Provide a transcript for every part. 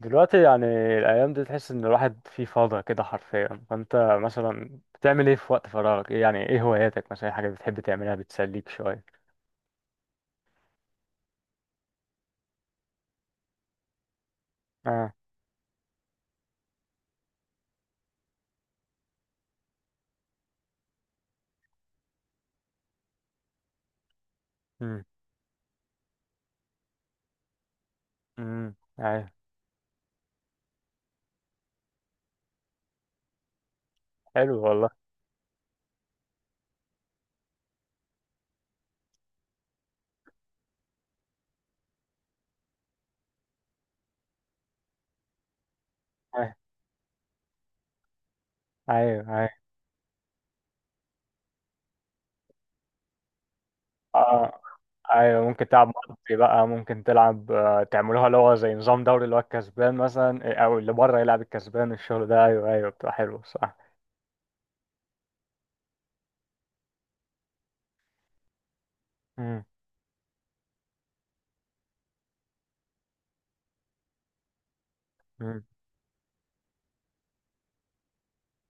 دلوقتي يعني الأيام دي تحس إن الواحد فيه فاضي كده حرفيا، فأنت مثلا بتعمل إيه في وقت فراغك؟ إيه يعني، إيه هواياتك مثلا، إيه حاجة بتحب تعملها بتسليك شوية؟ آه. أمم. أمم، أيوه. حلو والله. أيوه، أيوه، أيوه. آه. أيوه، ممكن تلعب مالتي بقى، ممكن تلعب، تعملوها اللي هو زي نظام دوري، اللي هو الكسبان مثلا إيه، أو اللي بره يلعب الكسبان، الشغل ده. أيوه أيوه، بتبقى حلوة، صح؟ أمم. أمم.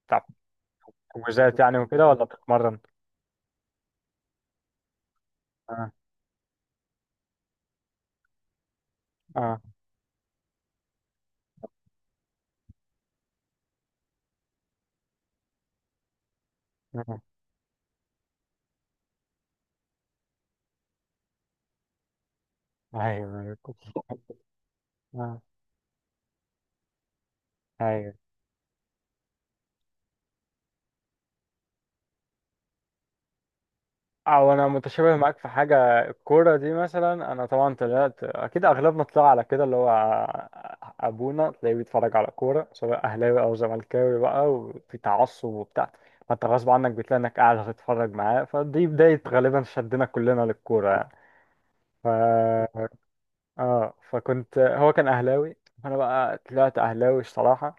بتلعب حجوزات يعني وكده ولا بتتمرن؟ آه. آه. آه. أيوه أيوه. آه. ايوه. او انا متشابه معاك في حاجه. الكوره دي مثلا، انا طبعا طلعت اكيد اغلبنا طلع على كده، اللي هو ابونا تلاقيه بيتفرج على كوره، سواء اهلاوي او زملكاوي بقى، وفي تعصب وبتاع. فانت غصب عنك بتلاقي انك قاعد هتتفرج معاه، فدي بدايه غالبا شدنا كلنا للكوره يعني. اه، فكنت هو كان اهلاوي، فانا بقى طلعت اهلاوي الصراحه.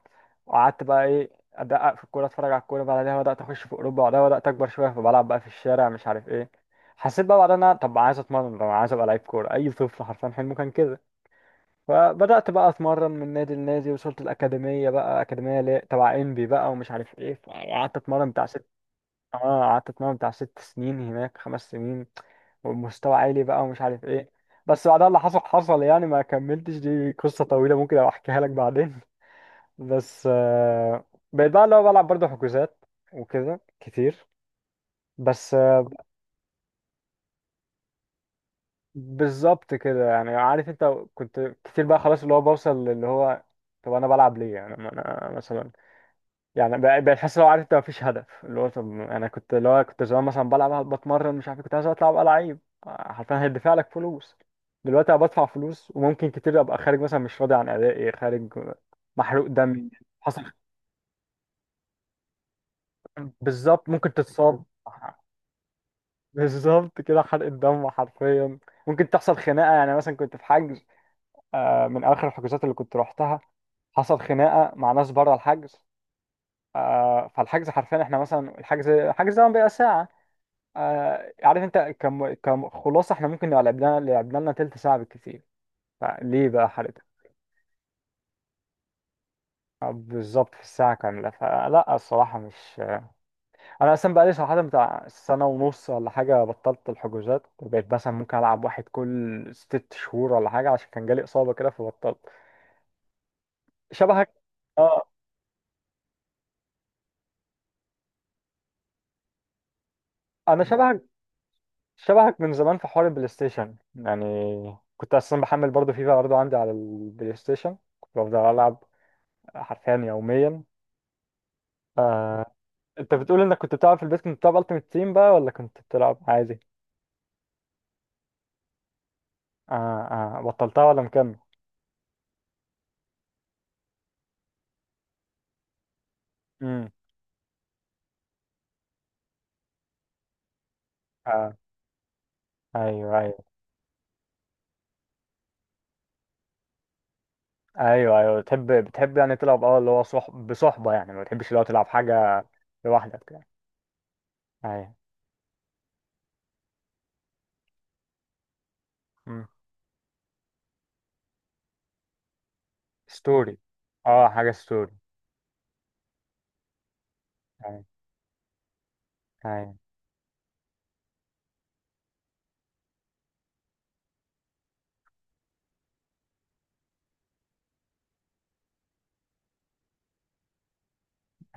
وقعدت بقى ايه، ادقق في الكوره، اتفرج على الكوره. بعدها بدات اخش في اوروبا، بعدها بدات اكبر شويه فبلعب بقى في الشارع، مش عارف ايه. حسيت بقى بعدها إن انا، طب عايز اتمرن، طب عايز ابقى لعيب كوره. اي طفل حرفيا حلمه كان كده. فبدات بقى اتمرن من نادي لنادي، وصلت الاكاديميه بقى، اكاديميه تبع انبي بقى ومش عارف ايه، فقعدت اتمرن بتاع. اه قعدت اتمرن بتاع 6 سنين هناك، 5 سنين ومستوى عالي بقى ومش عارف ايه. بس بعدها اللي حصل حصل يعني، ما كملتش، دي قصة طويلة ممكن ابقى احكيها لك بعدين بس بقيت بقى اللي هو بلعب برضه حجوزات وكده كتير. بس بالظبط كده يعني. عارف انت، كنت كتير بقى خلاص، اللي هو بوصل اللي هو طب انا بلعب ليه يعني، ما انا مثلا يعني بقيت حاسس، لو عارف انت مفيش هدف، اللي هو طب انا كنت، اللي هو كنت زمان مثلا بلعب، بتمرن، مش عارف كنت عايز اطلع ابقى لعيب. حرفيا هيدفع لك فلوس. دلوقتي انا بدفع فلوس وممكن كتير ابقى خارج مثلا، مش راضي عن ادائي خارج، محروق دمي. حصل. بالظبط ممكن تتصاب. بالظبط كده، حرق الدم حرفيا. ممكن تحصل خناقه. يعني مثلا كنت في حجز، من اخر الحجوزات اللي كنت روحتها حصل خناقه مع ناس بره الحجز. فالحجز حرفيا احنا مثلا، الحجز ده بيبقى ساعه. آه عارف انت، كم خلاصه احنا ممكن نبقى لعبنا لنا تلت ساعه بالكتير. فليه بقى حضرتك؟ بالظبط، في الساعه كامله، فلا الصراحه مش. انا اصلا بقالي صراحه بتاع سنه ونص ولا حاجه بطلت الحجوزات، بقيت مثلا ممكن العب واحد كل 6 شهور ولا حاجه، عشان كان جالي اصابه كده فبطلت. شبهك. اه انا شبهك. شبهك من زمان في حوار البلاي ستيشن يعني. كنت اصلا بحمل برضه فيفا برضه عندي على البلاي ستيشن، كنت بفضل العب حرفيا يوميا. آه، انت بتقول انك كنت بتلعب في البيت، كنت بتلعب التيمت تيم بقى ولا كنت بتلعب عادي؟ اه اه. بطلتها ولا مكمل؟ امم. اه. ايوه ايوه. ايوه ايوه، بتحب يعني تلعب اه اللي هو صحب بصحبه يعني، ما بتحبش اللي هو تلعب حاجه لوحدك يعني؟ ايوه. امم. ستوري. اه، حاجه ستوري. ايوه. ايوه.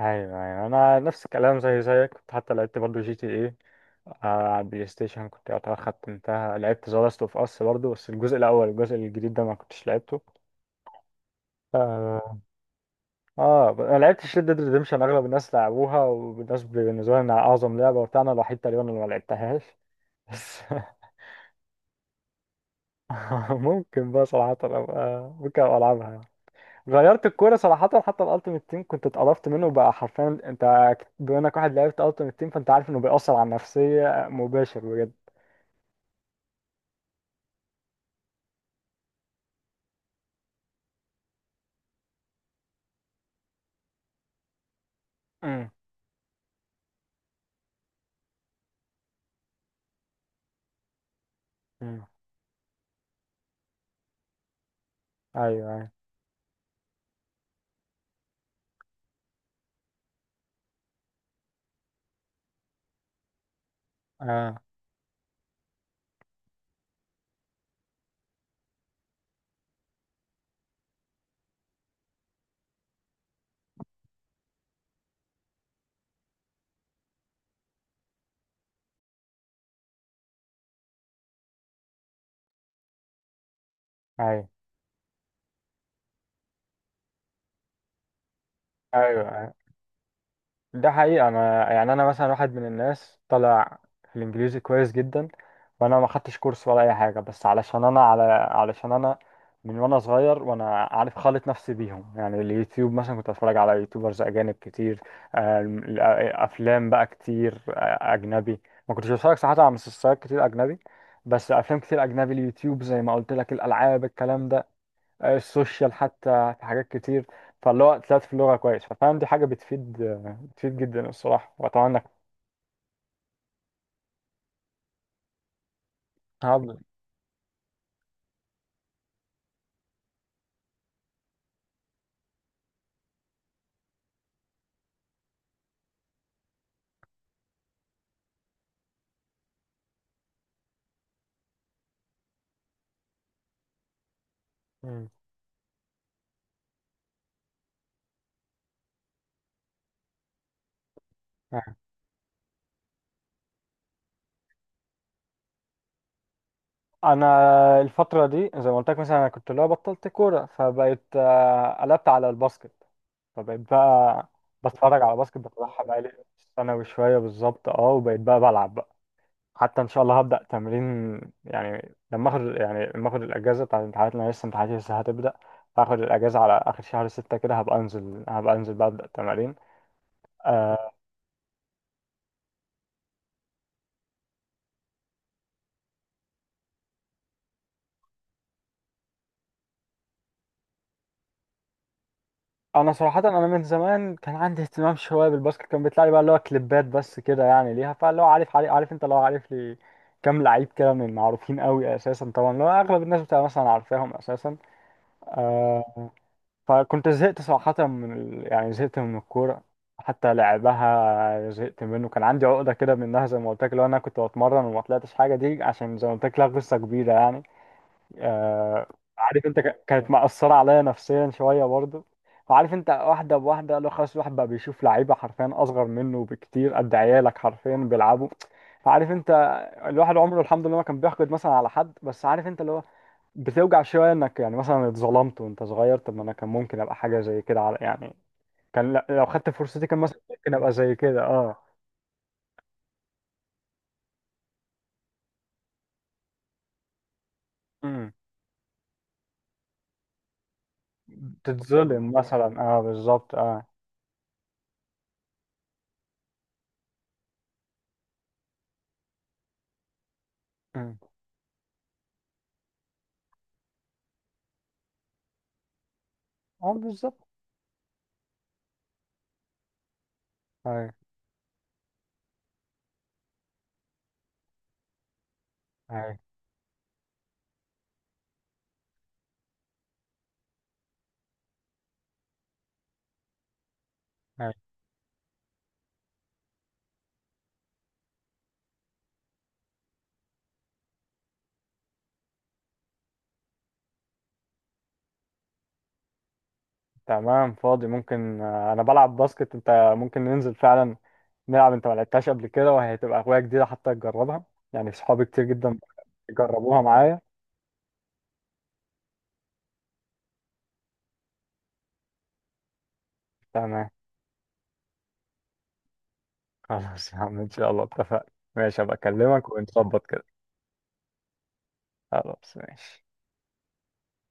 ايوه ايوه، انا نفس الكلام زي زيك. كنت حتى لعبت برضو جي تي ايه على البلاي ستيشن، كنت يعتبر ختمتها. لعبت ذا لاست اوف اس برضو، بس الجزء الاول، الجزء الجديد ده ما كنتش لعبته. آه، اه انا لعبتش ريد ديد ريديمشن. اغلب الناس لعبوها، والناس بالنسبه لي انها اعظم لعبه وبتاع، انا الوحيد تقريبا اللي ما لعبتهاش. بس ممكن بقى صراحه ابقى، ممكن ابقى العبها يعني. غيرت الكوره صراحه، حتى الالتيميت تيم كنت اتقرفت منه بقى حرفيا. انت بما انك واحد لعبت التيميت تيم، فانت عارف انه بيأثر على النفسيه مباشر بجد. امم. امم. ايوه ايوه. آه. ايوه ايوه. ده حقيقة. أنا يعني، أنا مثلا واحد من الناس طالع في الإنجليزي كويس جدا، وأنا ما خدتش كورس ولا أي حاجة، بس علشان أنا على، علشان أنا من وأنا صغير وأنا عارف خالط نفسي بيهم. يعني اليوتيوب مثلا كنت أتفرج على يوتيوبرز أجانب كتير، آم، ال- آه، أفلام بقى كتير أجنبي. ما كنتش بتفرج صراحة على مسلسلات كتير أجنبي، بس أفلام كتير أجنبي. اليوتيوب زي ما قلت لك، الألعاب، الكلام ده، السوشيال، حتى في حاجات كتير. فاللي هو طلعت في اللغة كويس، ففعلا دي حاجة بتفيد جدا الصراحة. وأتمنى إنك هب- مم. أنا الفترة دي زي ما قلت لك، مثلا أنا كنت اللي هو بطلت كورة، فبقيت قلبت على الباسكت. فبقيت بقى بتفرج على باسكت بتابعها، بقالي ثانوي شوية بالظبط أه. وبقيت بقى بلعب بقى، حتى ان شاء الله هبدا تمرين يعني لما اخد الاجازه بتاعت الامتحانات، لان لسه امتحاناتي لسه هتبدا. فاخد الاجازه على اخر شهر 6 كده، هبقى انزل بقى ابدا تمارين. آه، انا صراحه انا من زمان كان عندي اهتمام شويه بالباسكت، كان بيطلع لي بقى اللي هو كليبات بس كده يعني ليها، فاللي هو عارف انت اللي هو عارف لي كام لعيب كده من المعروفين قوي اساسا، طبعا اللي هو اغلب الناس بتبقى مثلا عارفاهم اساسا. آه، فكنت زهقت صراحة من يعني زهقت من الكورة. حتى لعبها زهقت منه، كان عندي عقدة كده منها. زي ما قلت لك لو أنا كنت بتمرن وما طلعتش حاجة، دي عشان زي ما قلت لك لها قصة كبيرة يعني. آه... عارف أنت، كانت مأثرة عليا نفسيا شوية برضه. وعارف أنت، واحدة بواحدة، لو خلاص الواحد بقى بيشوف لعيبة حرفيا أصغر منه بكتير، قد عيالك حرفيا بيلعبوا. فعارف أنت، الواحد عمره الحمد لله ما كان بيحقد مثلا على حد، بس عارف أنت اللي هو بتوجع شويه انك يعني مثلا اتظلمت وانت صغير. طب ما انا كان ممكن ابقى حاجه زي كده، على يعني كان لو خدت فرصتي كان مثلا ممكن ابقى زي كده اه. امم. تتظلم مثلا، اه بالظبط اه. امم. اه بالظبط. هاي. هاي. هاي. تمام، فاضي. ممكن انا بلعب باسكت انت، ممكن ننزل فعلا نلعب، انت ما لعبتهاش قبل كده وهي تبقى هوايه جديده حتى، تجربها يعني. صحابي كتير جدا جربوها معايا. تمام. خلاص يا عم ان شاء الله، اتفقنا ماشي. هبقى اكلمك ونظبط كده. خلاص ماشي.